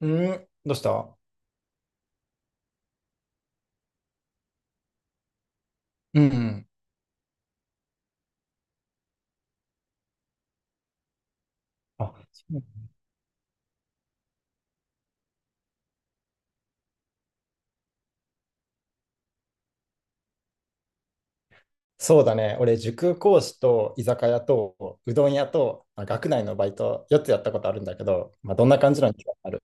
うん、どうした。うん。あ、そうだね。俺、塾講師と居酒屋とうどん屋と、まあ、学内のバイト4つやったことあるんだけど、まあ、どんな感じなのにある。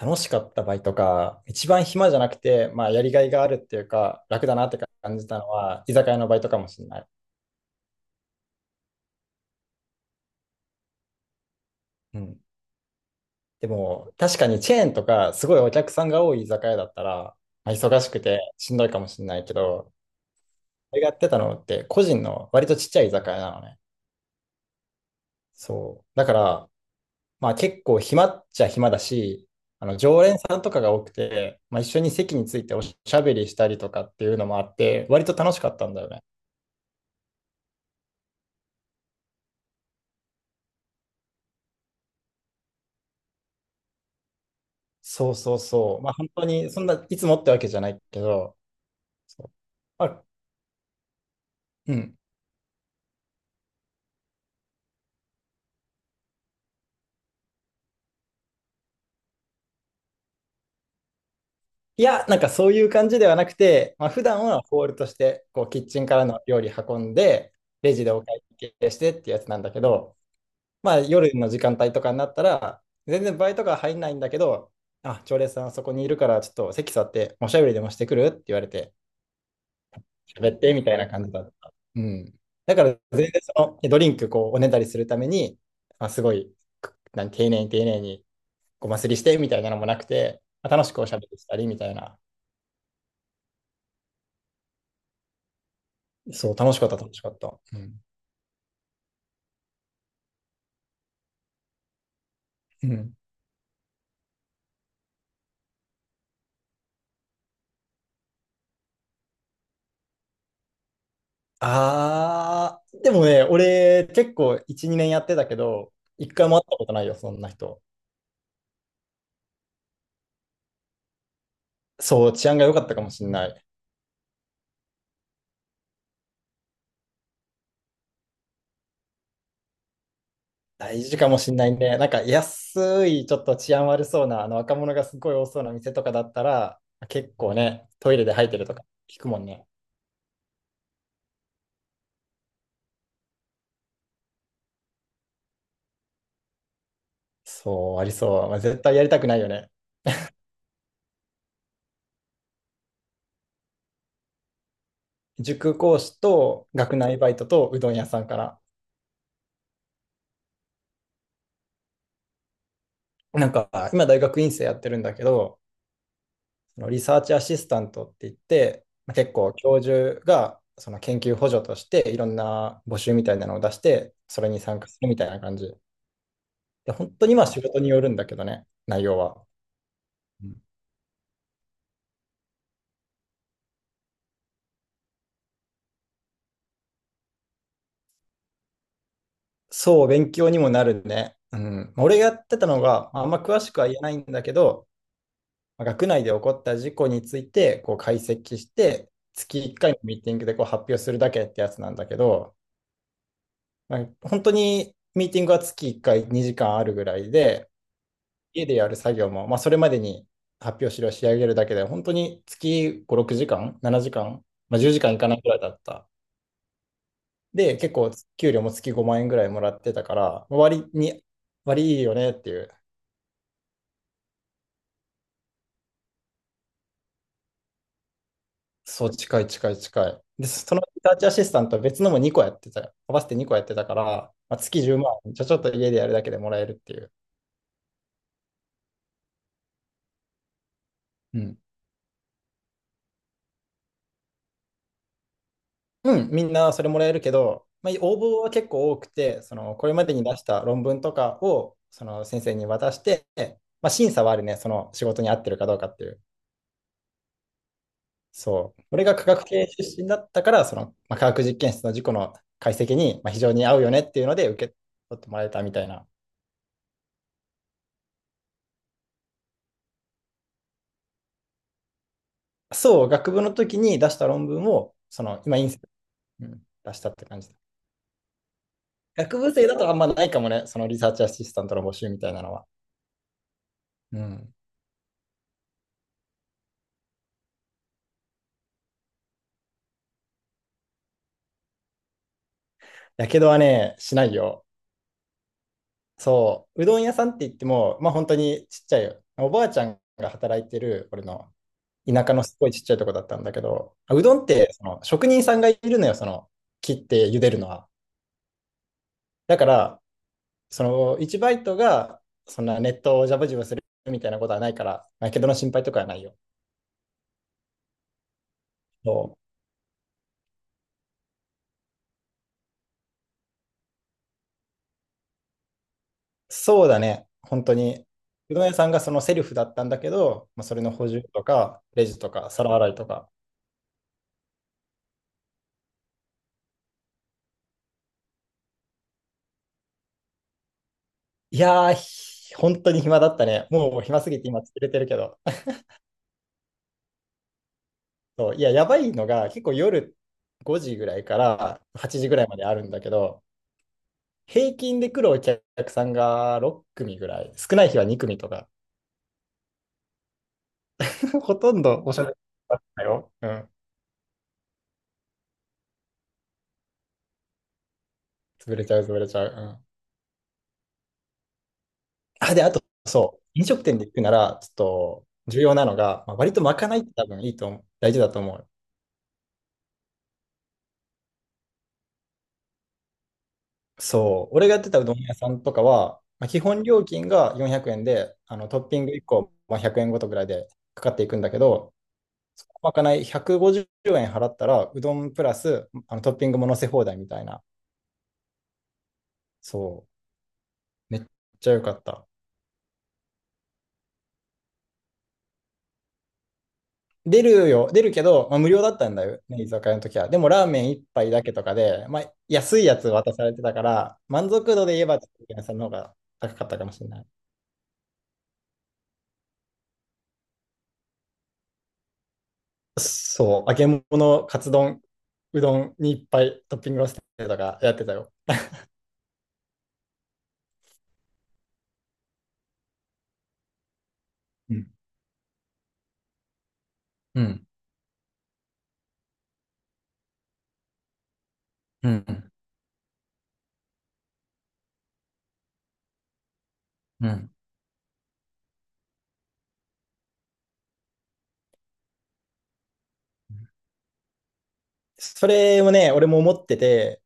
楽しかったバイトか、一番暇じゃなくて、まあ、やりがいがあるっていうか、楽だなって感じたのは、居酒屋のバイトかもしれない。うん。でも、確かにチェーンとか、すごいお客さんが多い居酒屋だったら、まあ、忙しくてしんどいかもしれないけど、俺がやってたのって、個人の割とちっちゃい居酒屋なのね。そう。だから、まあ結構暇っちゃ暇だし、あの常連さんとかが多くて、まあ、一緒に席についておしゃべりしたりとかっていうのもあって、割と楽しかったんだよね。そうそうそう。まあ本当に、そんな、いつもってわけじゃないけど、そう、まあ、うん。いや、なんかそういう感じではなくて、まあ普段はホールとして、こう、キッチンからの料理運んで、レジでお会計してってやつなんだけど、まあ夜の時間帯とかになったら、全然バイトが入んないんだけど、あ、常連さんあそこにいるからちょっと席座っておしゃべりでもしてくるって言われて、喋ってみたいな感じだった。うん。だから全然そのドリンクこうおねだりするために、まあ、すごい、くなん丁寧に丁寧にごますりしてみたいなのもなくて、まあ楽しくおしゃべりしたりみたいな。そう、楽しかった、楽しかった。うん。うん。あー、でもね、俺結構1、2年やってたけど、一回も会ったことないよ、そんな人。そう、治安が良かったかもしれない。大事かもしれないね。なんか安い、ちょっと治安悪そうな、あの若者がすごい多そうな店とかだったら、結構ね、トイレで吐いてるとか聞くもんね。そう、ありそう。まあ、絶対やりたくないよね。塾講師と学内バイトとうどん屋さんから。なんか、今大学院生やってるんだけど、そのリサーチアシスタントって言って、まあ結構教授がその研究補助としていろんな募集みたいなのを出して、それに参加するみたいな感じ。で、本当にまあ仕事によるんだけどね、内容は。うん。そう、勉強にもなるね。うん。まあ俺がやってたのが、まああんま詳しくは言えないんだけど、まあ学内で起こった事故についてこう解析して、月1回のミーティングでこう発表するだけってやつなんだけど、まあ本当にミーティングは月1回2時間あるぐらいで、家でやる作業も、まあ、それまでに発表資料を仕上げるだけで、本当に月5、6時間、7時間、まあ、10時間いかないぐらいだった。で、結構給料も月5万円ぐらいもらってたから、割に、割いいよねっていう。そう、近い近い近い。で、そのリサーチアシスタントは別のも2個やってた、合わせて2個やってたから、まあ、月10万、じゃあちょっと家でやるだけでもらえるっていう。うん。うん、みんなそれもらえるけど、まあ、応募は結構多くて、そのこれまでに出した論文とかをその先生に渡して、まあ、審査はあるね、その仕事に合ってるかどうかっていう。そう。俺が科学系出身だったから、その、まあ、科学実験室の事故の解析に、まあ、非常に合うよねっていうので受け取ってもらえたみたいな。そう、学部の時に出した論文を、その、今、インス、うん、出したって感じだ。学部生だとあんまないかもね、そのリサーチアシスタントの募集みたいなのは。うん。やけどはね、しないよ。そう、うどん屋さんって言っても、まあ本当にちっちゃいよ。おばあちゃんが働いてる、俺の田舎のすごいちっちゃいとこだったんだけど、あうどんってその職人さんがいるのよ、その切って茹でるのは。だから、その1バイトがそんなネットをジャブジャブするみたいなことはないから、やけどの心配とかはないよ。そうそうだね、本当に。うどん屋さんがそのセルフだったんだけど、まあ、それの補充とか、レジとか、皿洗いとか。いやー、本当に暇だったね。もう暇すぎて今疲れてるけど。そういや、やばいのが結構夜5時ぐらいから8時ぐらいまであるんだけど、平均で来るお客さんが6組ぐらい、少ない日は2組とか、ほとんどおしゃべりだったよ。うん。潰れちゃう、潰れちゃう。うん。あ、で、あと、そう、飲食店で行くなら、ちょっと重要なのが、まあ、割とまかないって多分いいと思う、大事だと思う。そう、俺がやってたうどん屋さんとかは、まあ、基本料金が400円で、あのトッピング1個、まあ、100円ごとぐらいでかかっていくんだけど、そのまかない150円払ったら、うどんプラスあのトッピングも乗せ放題みたいな。そう。めっちゃ良かった。出るよ、出るけど、まあ、無料だったんだよね、居酒屋の時は。でもラーメン一杯だけとかで、まあ、安いやつ渡されてたから、満足度で言えば、ちょっと屋さんの方が高かったかもしれない。そう、揚げ物、カツ丼、うどんにいっぱいトッピングをしてとかやってたよ。うん。うん。うん。うん。それをね、俺も思ってて、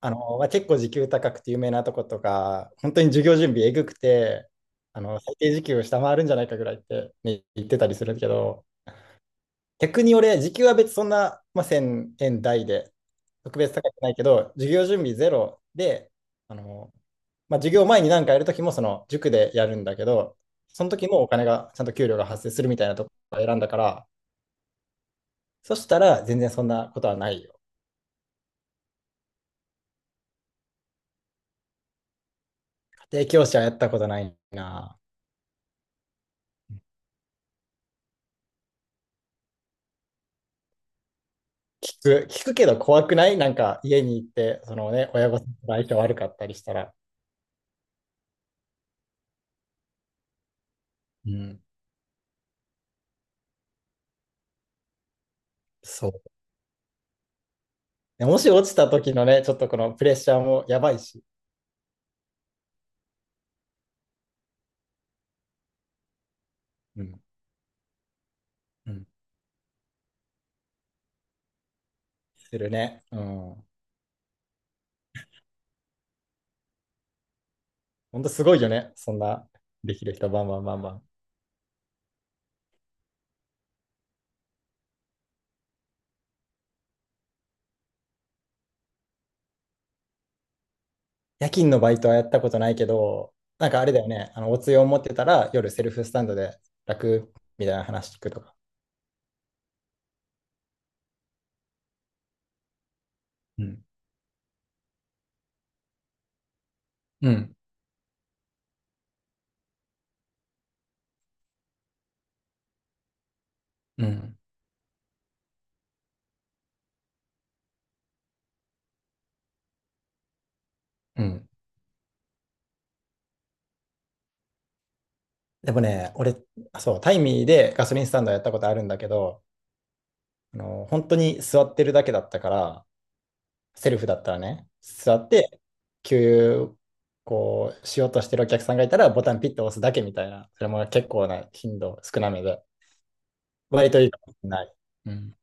あの、まあ、結構時給高くて有名なとことか、本当に授業準備えぐくて、あの、最低時給を下回るんじゃないかぐらいって、ね、言ってたりするけど、逆に俺、時給は別にそんな、まあ、1000円台で、特別高くないけど、授業準備ゼロで、あの、まあ、授業前に何かやるときも、その塾でやるんだけど、その時もお金が、ちゃんと給料が発生するみたいなところを選んだから、そしたら全然そんなことはないよ。家庭教師はやったことないな。聞く、聞くけど怖くないなんか家に行って、そのね、親御さんと相性悪かったりしたら。うん、そう。もし落ちた時のね、ちょっとこのプレッシャーもやばいし、うん、うん、するね。うん。ほんとすごいよね。そんな、できる人バンバンバンバン。夜勤のバイトはやったことないけど、なんかあれだよね、あのおつゆを持ってたら夜セルフスタンドで楽みたいな話聞くとか。うん、うん、うん、うん。でもね、俺、あそう、タイミーでガソリンスタンドやったことあるんだけど、あの、本当に座ってるだけだったから、セルフだったらね、座って、給油、こう、しようとしてるお客さんがいたら、ボタンピッと押すだけみたいな、それも結構な頻度、少なめで、割といいかもしれない。うん